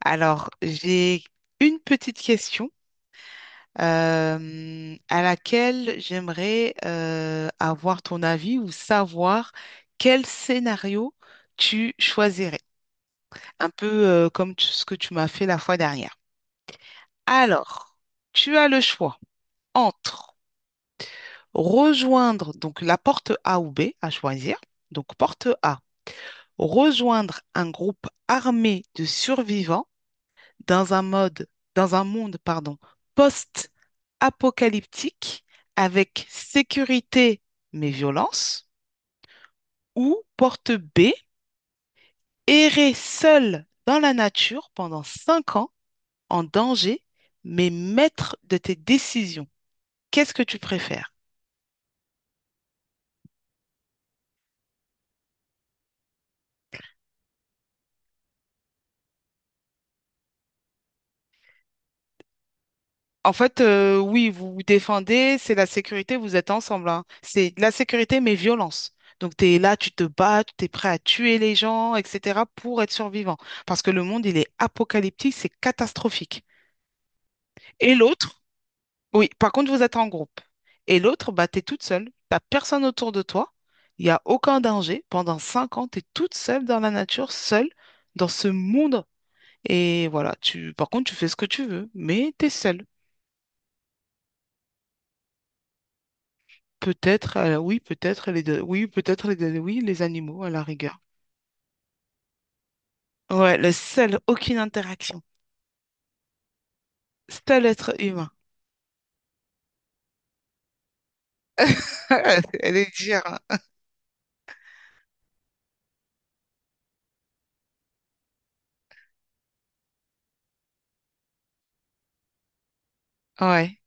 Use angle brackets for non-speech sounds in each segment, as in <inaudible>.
Alors, j'ai une petite question à laquelle j'aimerais avoir ton avis ou savoir quel scénario tu choisirais. Un peu comme ce que tu m'as fait la fois dernière. Alors, tu as le choix entre rejoindre donc la porte A ou B à choisir. Donc, porte A, rejoindre un groupe armé de survivants dans un mode, dans un monde, pardon, apocalyptique avec sécurité mais violence, ou porte B, errer seul dans la nature pendant 5 ans en danger mais maître de tes décisions. Qu'est-ce que tu préfères? En fait, oui, vous vous défendez, c'est la sécurité, vous êtes ensemble, hein. C'est la sécurité mais violence. Donc, tu es là, tu te bats, tu es prêt à tuer les gens, etc., pour être survivant. Parce que le monde, il est apocalyptique, c'est catastrophique. Et l'autre, oui, par contre, vous êtes en groupe. Et l'autre, bah, t'es toute seule. T'as personne autour de toi. Il n'y a aucun danger. Pendant cinq ans, t'es toute seule dans la nature, seule dans ce monde. Et voilà, tu, par contre, tu fais ce que tu veux, mais t'es seule. Peut-être, oui, peut-être les deux, oui, oui, les animaux à la rigueur. Ouais, le seul, aucune interaction. Seul être humain. <laughs> Elle est dure, hein. Ouais.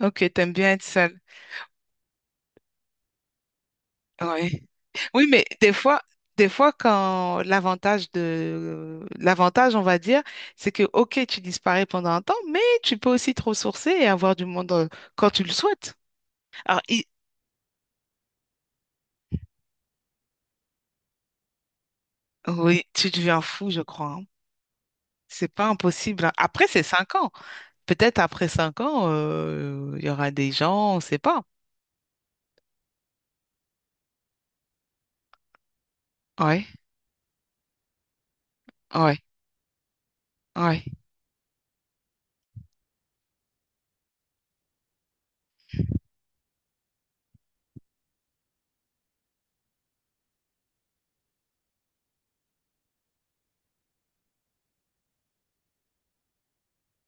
Ok, t'aimes bien être seule. Ouais. Oui, mais des fois quand l'avantage, on va dire, c'est que ok, tu disparais pendant un temps, mais tu peux aussi te ressourcer et avoir du monde quand tu le souhaites. Alors, i- oui, tu deviens fou, je crois, hein. C'est pas impossible, hein. Après, c'est 5 ans. Peut-être après 5 ans, il y aura des gens, on sait pas. Ouais, ouais, ouais.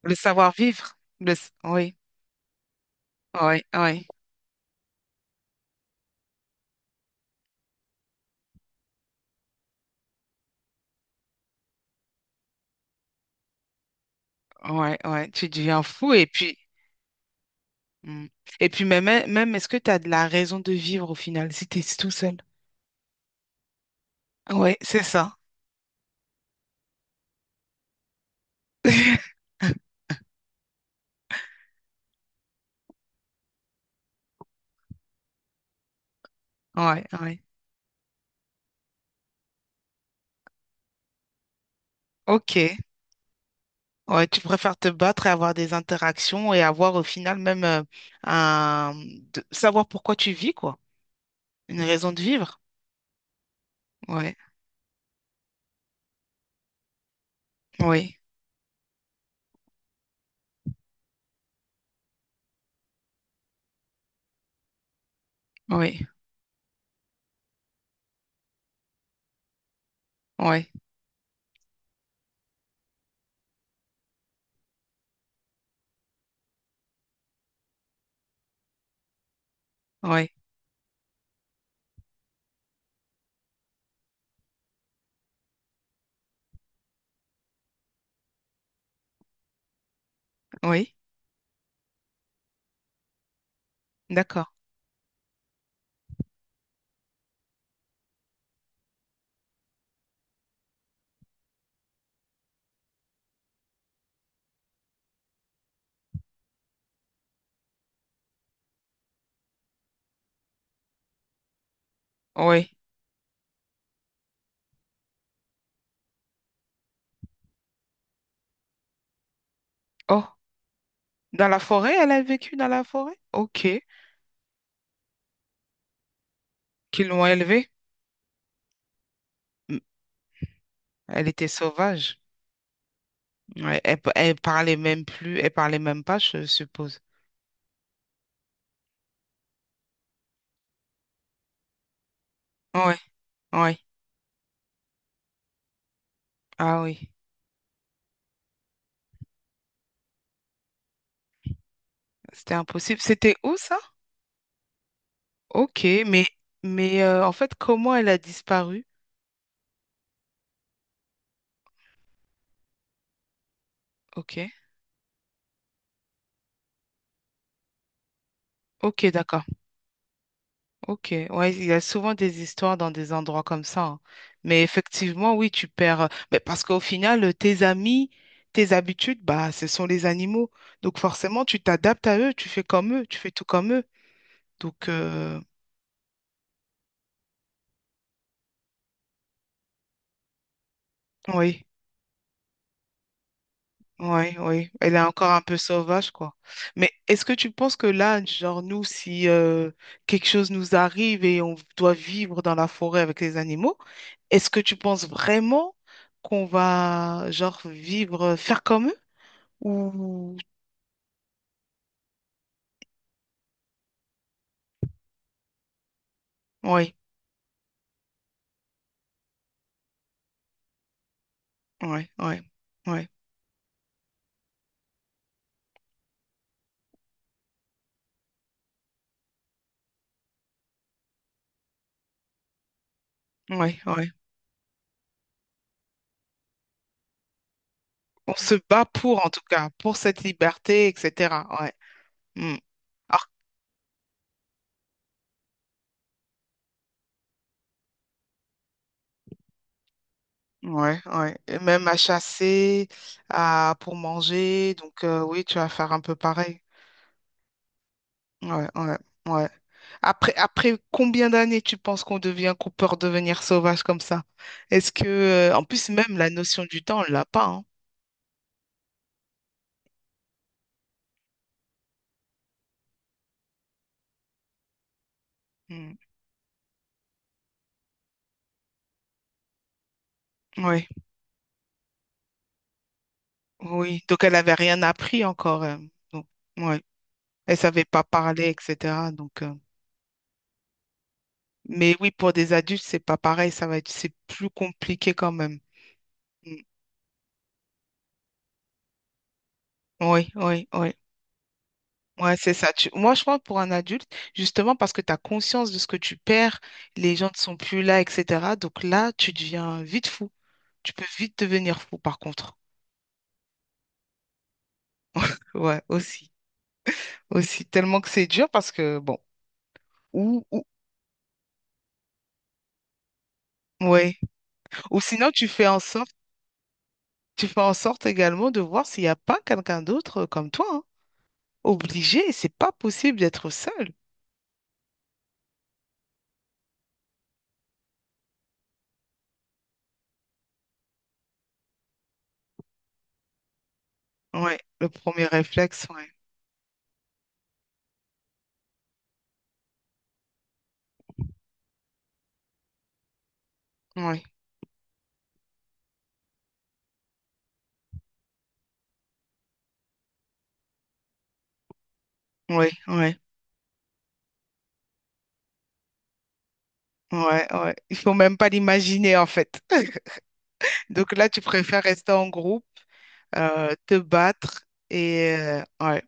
Le savoir-vivre. Oui, ouais, ouais, ouais, ouais. Tu deviens fou et puis. Mm. Et puis même, même est-ce que tu as de la raison de vivre au final si tu es tout seul? Ouais, c'est ça. <laughs> Ouais, ouais. Ok. Ouais, tu préfères te battre et avoir des interactions et avoir au final même un... savoir pourquoi tu vis, quoi. Une raison de vivre. Ouais, oui, oui, oui, oui, oui. D'accord. Oui. Oh, dans la forêt, elle a vécu dans la forêt? Ok. Qu'ils l'ont élevée? Mm. Elle était sauvage. Ouais, elle parlait même plus, elle parlait même pas, je suppose. Ouais, ouais. Ah oui, c'était impossible. C'était où ça? Ok, mais en fait, comment elle a disparu? Ok, ok, d'accord. Ok, ouais, il y a souvent des histoires dans des endroits comme ça, hein. Mais effectivement, oui, tu perds, mais parce qu'au final, tes amis, tes habitudes, bah, ce sont les animaux. Donc forcément, tu t'adaptes à eux, tu fais comme eux, tu fais tout comme eux. Donc oui. Oui, oui, elle est encore un peu sauvage, quoi. Mais est-ce que tu penses que là, genre nous, si quelque chose nous arrive et on doit vivre dans la forêt avec les animaux, est-ce que tu penses vraiment qu'on va, genre, vivre, faire comme eux? Ou... Oui, oui, oui, oui, oui, oui. On se bat pour, en tout cas, pour cette liberté, etc. Ouais. Mm. Alors, ouais, ouais. Et même à chasser, à, pour manger. Donc, oui, tu vas faire un peu pareil. Ouais, ouais, ouais. Après, combien d'années tu penses qu'on devient, qu'on peut redevenir sauvage comme ça? Est-ce que, en plus, même la notion du temps, on l'a pas, hein. Mm. Ouais, oui. Donc, elle avait rien appris encore, donc, ouais. Elle savait pas parler, etc. Donc, mais oui, pour des adultes, c'est pas pareil. Ça va être, c'est plus compliqué quand même. Mm. Oui, oui, oui. Ouais, c'est ça. Moi, je pense pour un adulte, justement parce que tu as conscience de ce que tu perds, les gens ne sont plus là, etc. Donc là, tu deviens vite fou. Tu peux vite devenir fou, par contre. Ouais, aussi. Aussi, tellement que c'est dur parce que, bon, ou, ou, ouais. Ou sinon, tu fais en sorte également de voir s'il n'y a pas quelqu'un d'autre comme toi, hein. Obligé, c'est pas possible d'être seul. Ouais, le premier réflexe, ouais. Ouais, ouais, ouais, ouais, ouais. Il faut même pas l'imaginer, en fait. Donc là, tu préfères rester en groupe, te battre et ouais,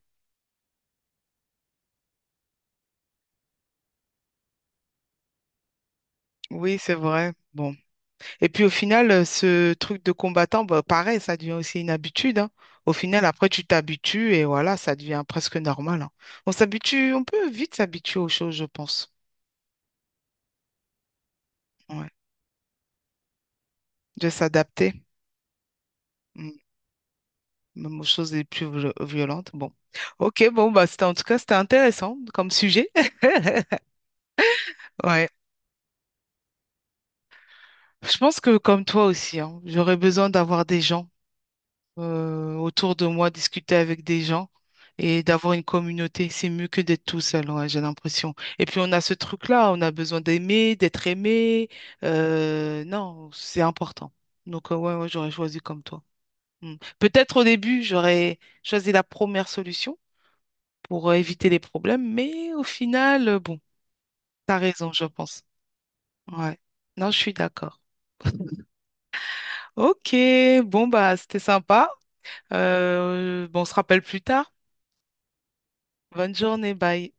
oui, c'est vrai. Bon. Et puis au final, ce truc de combattant, bah, pareil, ça devient aussi une habitude, hein. Au final, après, tu t'habitues et voilà, ça devient presque normal, hein. On s'habitue, on peut vite s'habituer aux choses, je pense. Ouais. De s'adapter, mm, même aux choses les plus violentes. Bon. Ok, bon, c'était en tout cas, c'était intéressant comme sujet. <laughs> Ouais. Je pense que comme toi aussi, hein, j'aurais besoin d'avoir des gens autour de moi, discuter avec des gens et d'avoir une communauté. C'est mieux que d'être tout seul, ouais, j'ai l'impression. Et puis on a ce truc-là, on a besoin d'aimer, d'être aimé. Non, c'est important. Donc ouais, ouais, j'aurais choisi comme toi. Mm. Peut-être au début, j'aurais choisi la première solution pour éviter les problèmes, mais au final, bon, t'as raison, je pense. Ouais. Non, je suis d'accord. Ok, bon c'était sympa. Bon, on se rappelle plus tard. Bonne journée, bye.